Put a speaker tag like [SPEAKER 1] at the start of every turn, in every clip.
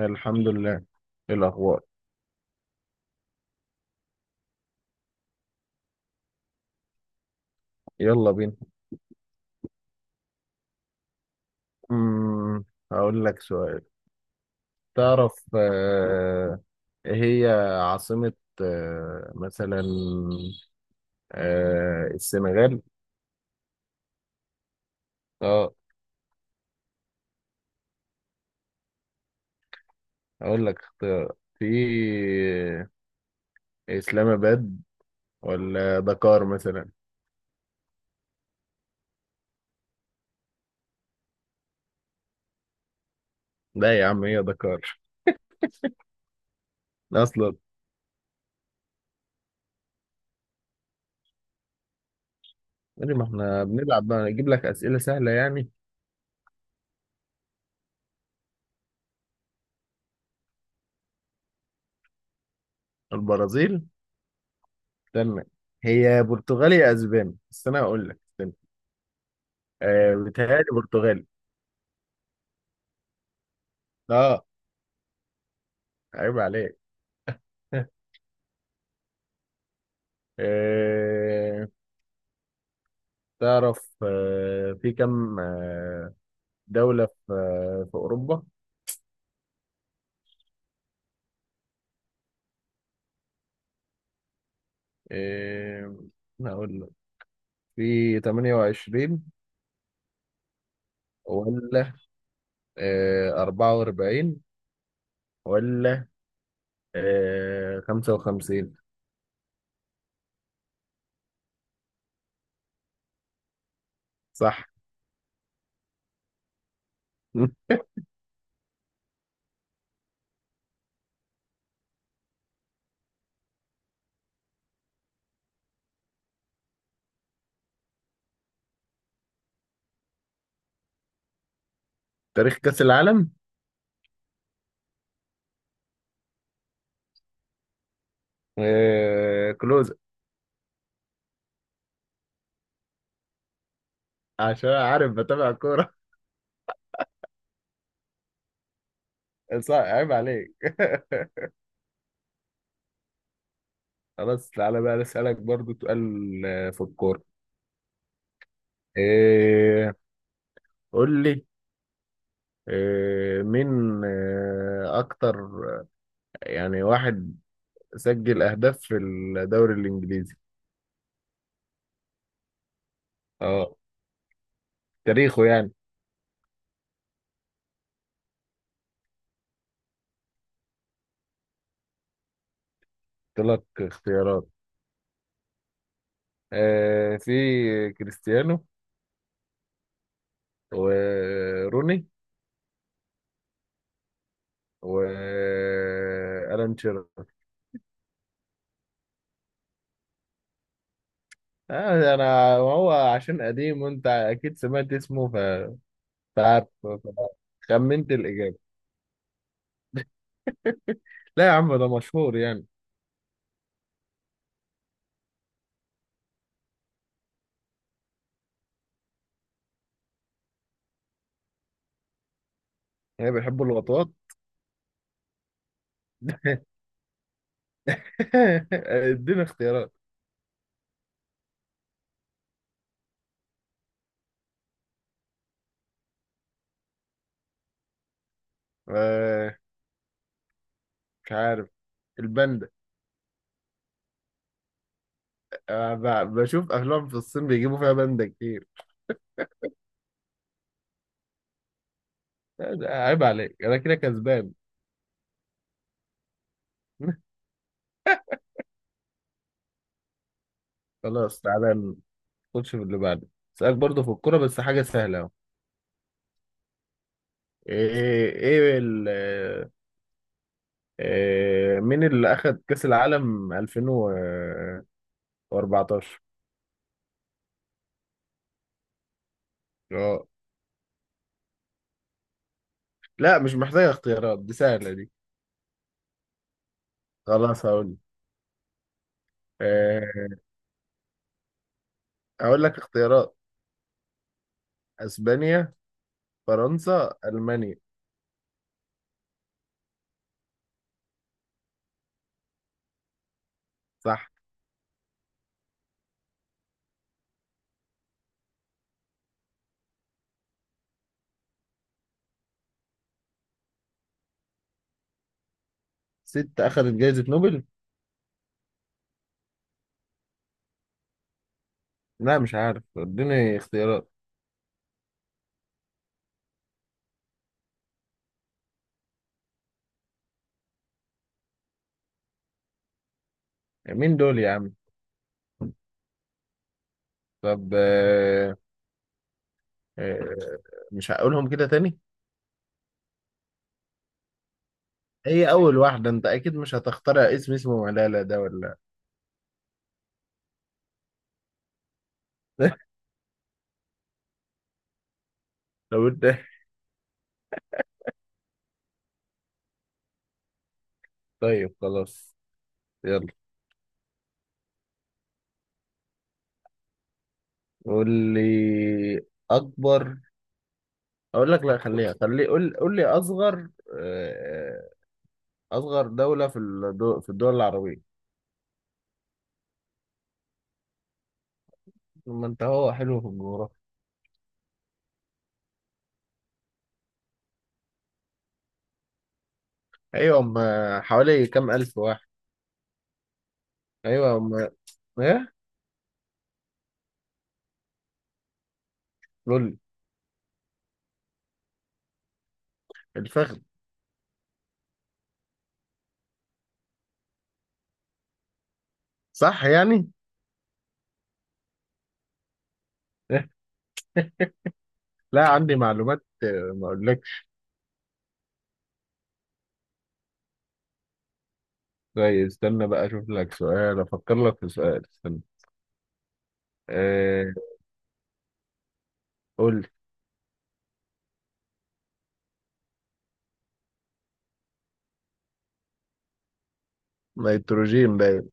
[SPEAKER 1] الحمد لله. إيه الأخبار؟ يلا بينا. امم هقول لك سؤال. تعرف إيه هي عاصمة، مثلا السنغال؟ اه، هقول لك اختيار، في إسلام آباد ولا دكار مثلا. لا يا عم، هي دكار أصلا. إيه، ما احنا بنلعب بقى، نجيب لك أسئلة سهلة يعني. البرازيل؟ استنى، هي برتغالي يا أسباني، بس أنا هقول لك، استنى. بيتهيألي برتغالي. اه. عيب عليك. إيه؟ تعرف في كم دولة في في أوروبا؟ إيه، هقول لك، في 28 ولا 44 ولا 55؟ صح. تاريخ كأس العالم؟ إيه، كلوز. عشان عارف، بتابع كورة. صح، عيب عليك. خلاص، تعالى بقى أسألك برضو سؤال في الكورة. إيه، قول لي، مين أكتر يعني واحد سجل أهداف في الدوري الإنجليزي؟ اه، تاريخه يعني. قلت لك اختيارات. في كريستيانو، وروني، وألان شيرر. أنا هو، عشان قديم وأنت أكيد سمعت اسمه، فعارف. خمنت الإجابة؟ لا يا عم، ده مشهور يعني. هي بيحبوا اللقطات. اديني اختيارات. آه، مش عارف، الباندا. أنا بشوف افلام في الصين بيجيبوا فيها باندا كتير. عيب عليك، انا كده كسبان. خلاص، تعالى نخش في اللي بعده. اسالك برضه في الكوره، بس حاجه سهله اهو. ايه، ايه إيه، مين اللي اخد كاس العالم 2014؟ اه. لا مش محتاجه اختيارات، دي سهله دي. خلاص هقول، إيه، هقول لك اختيارات: اسبانيا، فرنسا، المانيا. صح. ست اخذت جائزه نوبل؟ لا مش عارف، اديني اختيارات. مين دول يا عم؟ طب، آه، مش هقولهم كده تاني. هي اول واحدة، انت اكيد مش هتخترع اسم اسمه ملالة ده، ولا؟ طب انت. طيب خلاص، يلا. قول لي اكبر، اقول لك لا، خليها، خلي، قول، قول لي اصغر آه، اصغر دولة في الدول، في الدول العربية. ما انت هو حلو في الجغرافيا. ايوه، هم حوالي كام الف واحد؟ ايوه هم. ايه؟ قول لي. الفخذ. صح يعني. لا، عندي معلومات ما اقولكش. طيب استنى بقى اشوف لك سؤال، افكر لك في سؤال، استنى. أه. قول لي. نيتروجين، باين.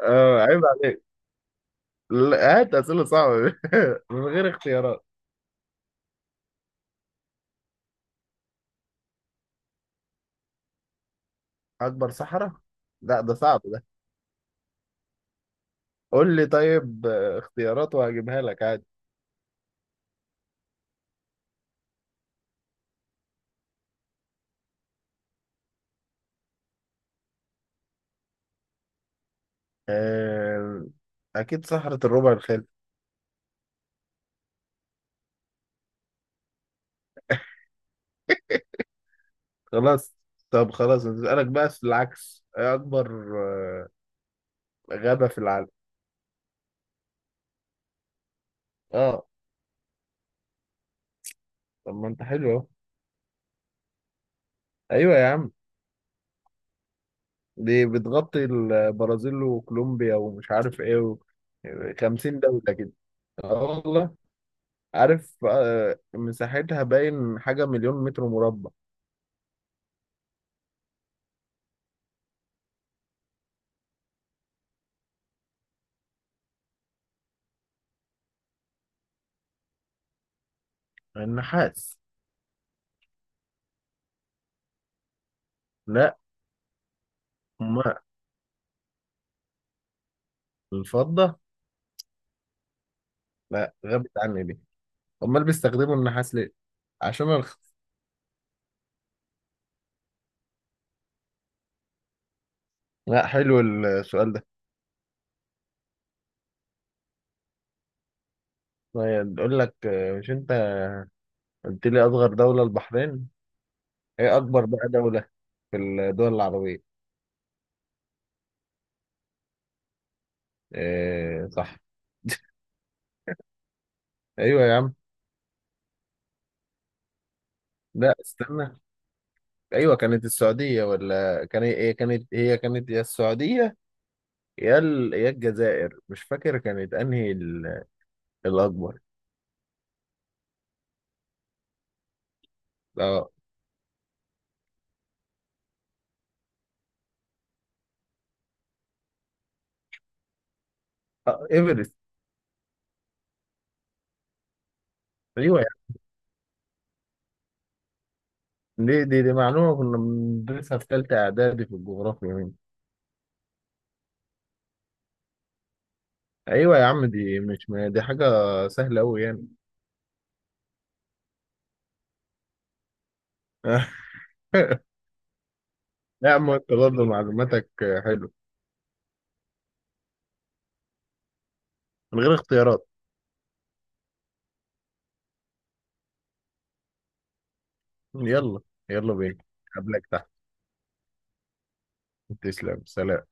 [SPEAKER 1] اه، عيب عليك. لا، هات اسئله صعبه، من غير اختيارات. اكبر صحراء؟ لا ده صعب ده. قول لي طيب اختيارات وهجيبها لك عادي. أه، اكيد صحراء الربع الخالي. خلاص. طب خلاص، نسألك بقى في العكس، ايه اكبر غابة في العالم؟ اه. طب ما انت حلو اهو. ايوه يا عم، دي بتغطي البرازيل وكولومبيا ومش عارف ايه و... 50 دولة كده. اه والله. عارف مساحتها باين حاجة مليون متر مربع. النحاس. لا. ما الفضة. لا غابت عني دي. امال بيستخدموا النحاس ليه؟ عشان ارخص. لا، حلو السؤال ده. طيب، بيقول لك مش انت قلت لي اصغر دولة البحرين؟ هي اكبر بقى دولة في الدول العربية. إيه، صح. ايوه يا عم. لا استنى، ايوه كانت السعوديه ولا كان، هي كانت يا السعوديه يا ال... يا الجزائر، مش فاكر كانت انهي ال... الاكبر. اه. ايفرست. ايوه يا عم. دي معلومه كنا بندرسها في ثالثه اعدادي في الجغرافيا يعني. ايوه يا عم، دي مش، ما دي حاجه سهله قوي يعني. يا عم انت برضه معلوماتك حلوه. من غير اختيارات. يلا. يلا بينا. قبلك تحت. تسلم، سلام.